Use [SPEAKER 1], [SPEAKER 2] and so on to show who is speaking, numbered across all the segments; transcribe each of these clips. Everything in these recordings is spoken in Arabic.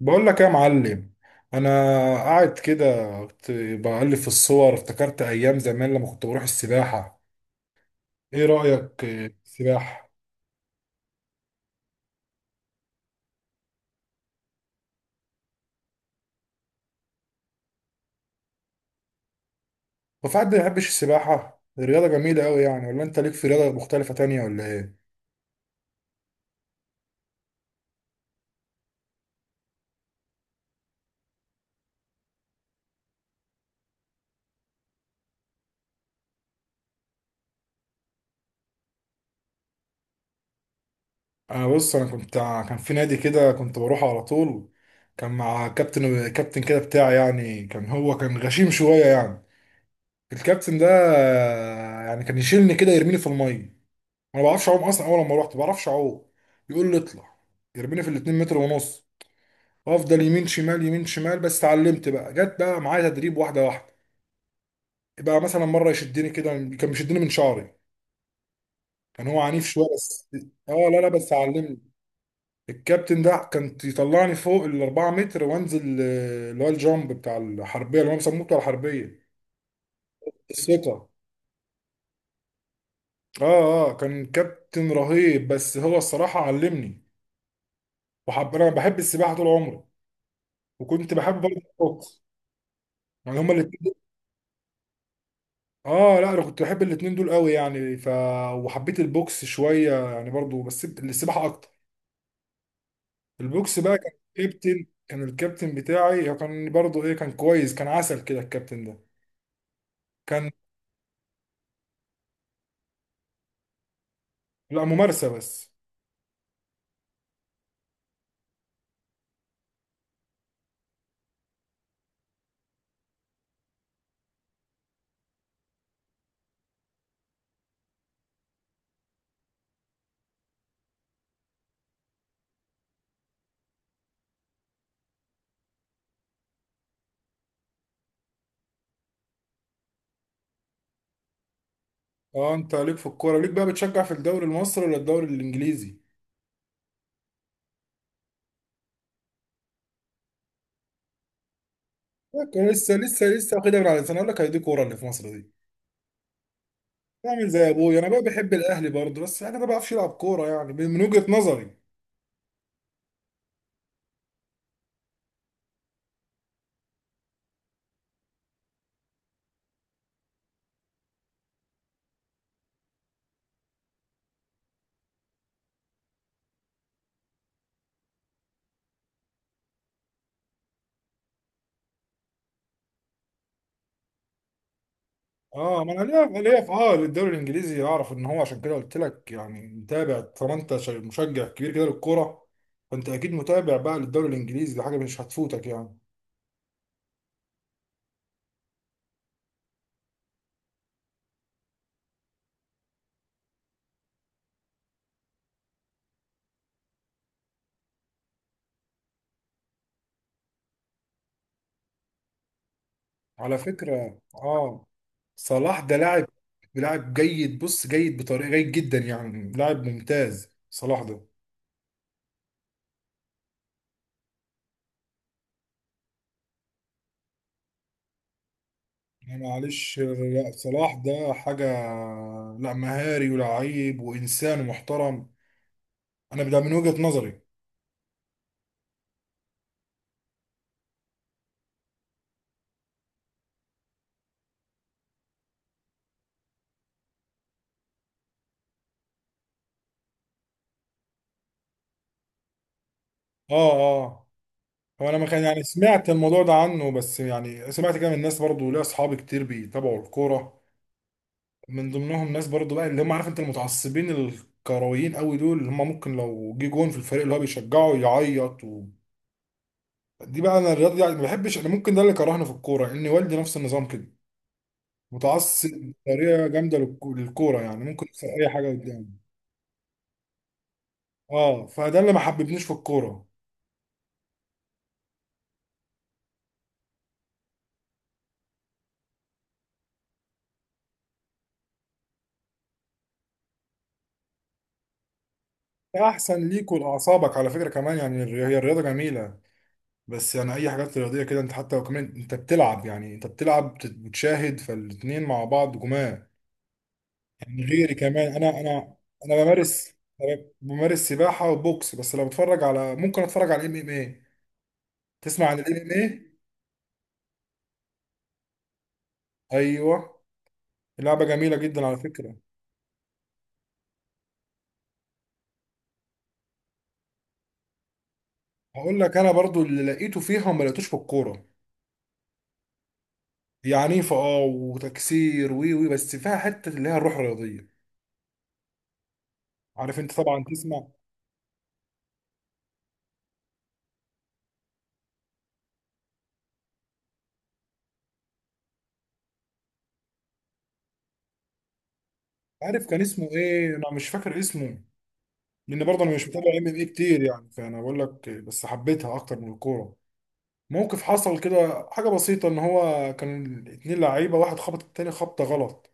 [SPEAKER 1] بقول لك يا معلم. انا قاعد كده، كنت بقلب في الصور، افتكرت ايام زمان لما كنت بروح السباحه. ايه رايك في السباحه؟ هو في حد ما يحبش السباحه؟ الرياضه جميله قوي يعني، ولا انت ليك في رياضه مختلفه تانية ولا ايه؟ انا بص، انا كنت، كان في نادي كده كنت بروح على طول. كان مع كابتن كده بتاعي، يعني كان هو كان غشيم شويه يعني. الكابتن ده يعني كان يشيلني كده يرميني في الميه. انا ما بعرفش اعوم اصلا، اول لما رحت ما بعرفش اعوم. يقول لي اطلع، يرميني في الاتنين متر ونص، افضل يمين شمال يمين شمال. بس اتعلمت بقى، جت بقى معايا تدريب واحده واحده. بقى مثلا مره يشدني كده، كان بيشدني من شعري، كان هو عنيف شويه بس. اه، لا لا، بس علمني. الكابتن ده كان يطلعني فوق ال 4 متر وانزل، اللي هو الجامب بتاع الحربيه اللي هم بيسموه بتاع الحربيه الثقه. اه اه، كان كابتن رهيب، بس هو الصراحه علمني. انا بحب السباحه طول عمري، وكنت بحب برضه الطبخ. يعني هما كنت الاتنين دول- اه لا، انا كنت بحب الاتنين دول قوي يعني. وحبيت البوكس شويه يعني برضو، بس السباحه اكتر. البوكس بقى كان الكابتن بتاعي، هو كان برضو ايه كان كويس، كان عسل كده الكابتن ده كان. لا، ممارسه بس. اه، انت ليك في الكوره، ليك بقى بتشجع في الدوري المصري ولا الدوري الانجليزي؟ لا، كان لسه واخدها من على لساني، اقول لك هي دي كوره اللي في مصر دي. بعمل زي ابويا، انا بقى بحب الاهلي برضو، بس انا ما بعرفش العب كوره يعني من وجهه نظري. اه، ما انا ليا في للدوري الانجليزي، اعرف ان هو عشان كده قلت لك يعني متابع، طالما انت مشجع كبير كده للكوره، فانت اكيد متابع بقى للدوري الانجليزي، دي حاجه مش هتفوتك يعني. على فكره اه، صلاح ده لاعب جيد، بص جيد، بطريقه جيد جدا يعني، لاعب ممتاز صلاح ده. يعني معلش، لا صلاح ده حاجه، لا مهاري ولاعيب وانسان محترم، انا ده من وجهه نظري. اه اه. هو انا ما كان يعني سمعت الموضوع ده عنه، بس يعني سمعت كده من الناس برضو، ليا اصحابي كتير بيتابعوا الكوره، من ضمنهم ناس برضو بقى اللي هم عارف انت المتعصبين الكرويين قوي دول، اللي هم ممكن لو جه جون في الفريق اللي هو بيشجعه يعيط دي بقى انا الرياضه دي يعني ما بحبش، انا ممكن ده اللي كرهني في الكوره، ان والدي نفس النظام كده متعصب بطريقه جامده للكوره، يعني ممكن يكسر اي حاجه قدامه. اه، فده اللي ما حببنيش في الكوره. احسن ليك ولاعصابك على فكره كمان يعني. هي الرياضه جميله، بس يعني اي حاجات رياضيه كده، انت حتى لو كمان انت بتلعب يعني، انت بتلعب بتشاهد، فالاتنين مع بعض جماع، يعني غيري كمان، انا انا انا بمارس أنا بمارس سباحه وبوكس، بس لو بتفرج على، ممكن اتفرج على الام ام اي. تسمع عن الام ام اي؟ ايوه، لعبه جميله جدا على فكره. هقول لك انا برضو اللي لقيته فيها وما لقيتوش في الكوره، هي عنيفه اه، وتكسير وي وي، بس فيها حته اللي هي الروح الرياضيه، عارف انت طبعا تسمع. عارف كان اسمه ايه، انا مش فاكر اسمه، لان برضه انا مش متابع ام ام اي كتير يعني، فانا بقول لك بس حبيتها اكتر من الكوره. موقف حصل كده حاجه بسيطه، ان هو كان اتنين لعيبه، واحد خبط التاني خبطه غلط،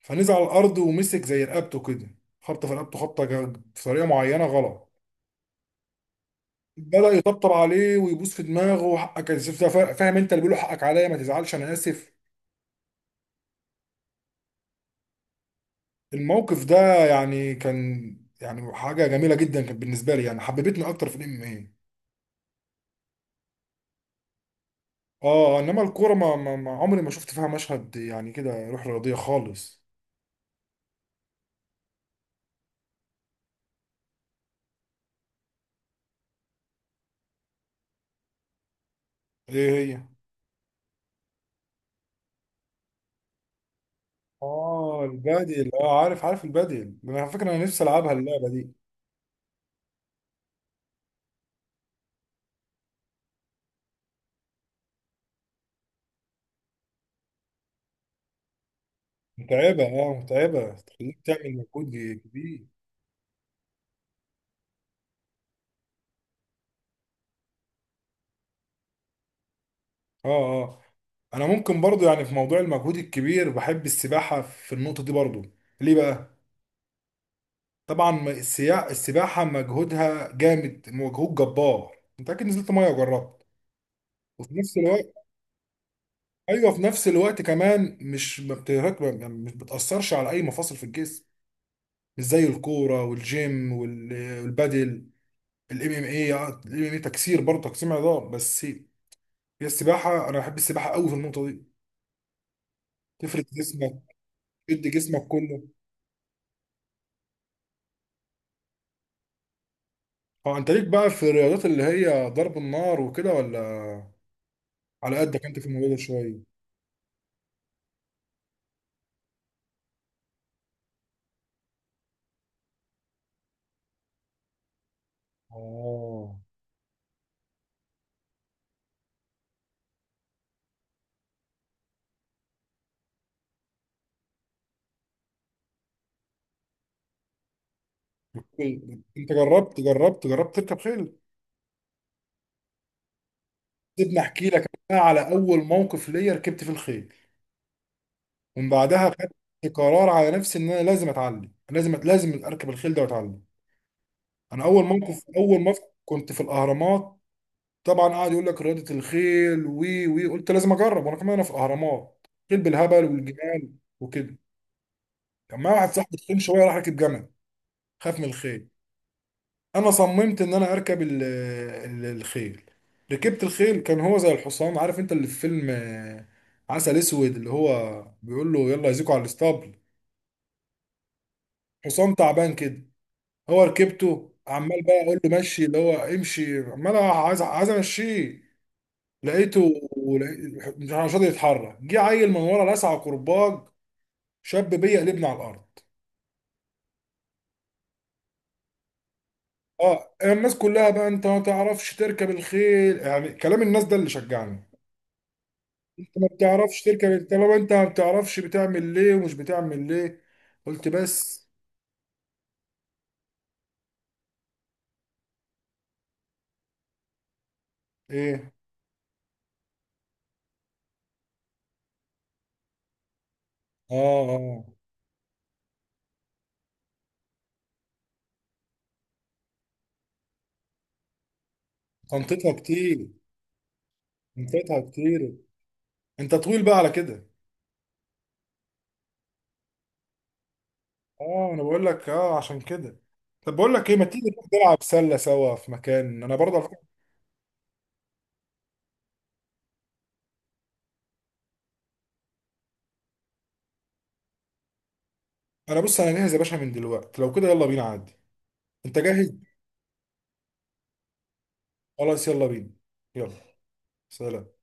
[SPEAKER 1] فنزل على الارض ومسك زي رقبته كده، خبطه في رقبته خبطه في طريقه معينه غلط. بدأ يطبطب عليه ويبوس في دماغه، وحقك يا سيف ده، فاهم انت اللي بيقوله، حقك عليا ما تزعلش انا اسف. الموقف ده يعني كان يعني حاجه جميله جدا كانت بالنسبه لي يعني، حببتني اكتر في الام. اه، انما الكوره ما عمري ما شفت فيها مشهد يعني كده روح رياضيه خالص. ايه هي؟ اه البادل، اه عارف البادل، انا على فكره انا نفسي العبها اللعبه دي، متعبه متعبه، تخليك تعمل مجهود كبير. اه اه، انا ممكن برضو يعني في موضوع المجهود الكبير بحب السباحه في النقطه دي برضو. ليه بقى؟ طبعا، السباحه مجهودها جامد، مجهود جبار، انت اكيد نزلت ميه وجربت. وفي نفس الوقت ايوه، في نفس الوقت كمان مش، ما بتهك- يعني مش بتاثرش على اي مفاصل في الجسم، مش زي الكوره والجيم والبادل. الام ام اي تكسير برضه تقسيم عضلات، بس هي السباحه، انا بحب السباحه قوي في النقطه دي، تفرد جسمك، تشد جسمك كله. اه، انت ليك بقى في الرياضات اللي هي ضرب النار وكده ولا؟ على قدك انت في الموضوع ده شويه؟ اه، انت جربت تركب خيل؟ سيبني احكي لك بقى على اول موقف ليا ركبت في الخيل، ومن بعدها خدت قرار على نفسي ان انا لازم اتعلم، لازم اركب الخيل ده واتعلم. انا اول موقف كنت في الاهرامات، طبعا قاعد يقول لك رياضه الخيل وي وي، قلت لازم اجرب، وانا كمان انا في الاهرامات خيل بالهبل والجمال وكده. كان معايا واحد صاحبي تخين شويه، راح ركب جمل، خاف من الخيل. انا صممت ان انا اركب الخيل، ركبت الخيل، كان هو زي الحصان، عارف انت اللي في فيلم عسل اسود، اللي هو بيقول له يلا يزيكوا على الاسطبل، حصان تعبان كده. هو ركبته عمال بقى اقول له مشي، اللي هو امشي عمال عايز امشيه، لقيته، لقيت- مش عارف- مش راضي يتحرك. جه عيل من ورا لسعه كرباج، شاب بيا، قلبنا على الارض. اه، الناس كلها بقى، انت ما تعرفش تركب الخيل، يعني كلام الناس ده اللي شجعني، انت ما بتعرفش تركب طالما انت ما بتعرفش بتعمل ليه ومش بتعمل ليه، قلت بس. ايه؟ اه اه، تنطيطها كتير، تنطيطها كتير. انت طويل بقى على كده. اه، انا بقول لك عشان كده. طب بقول لك ايه، ما تيجي نروح نلعب سله سوا في مكان، انا برضه على فكرة. انا بص انا جاهز يا باشا من دلوقتي، لو كده يلا بينا عادي. انت جاهز؟ خلاص يلا بينا، يلا، سلام.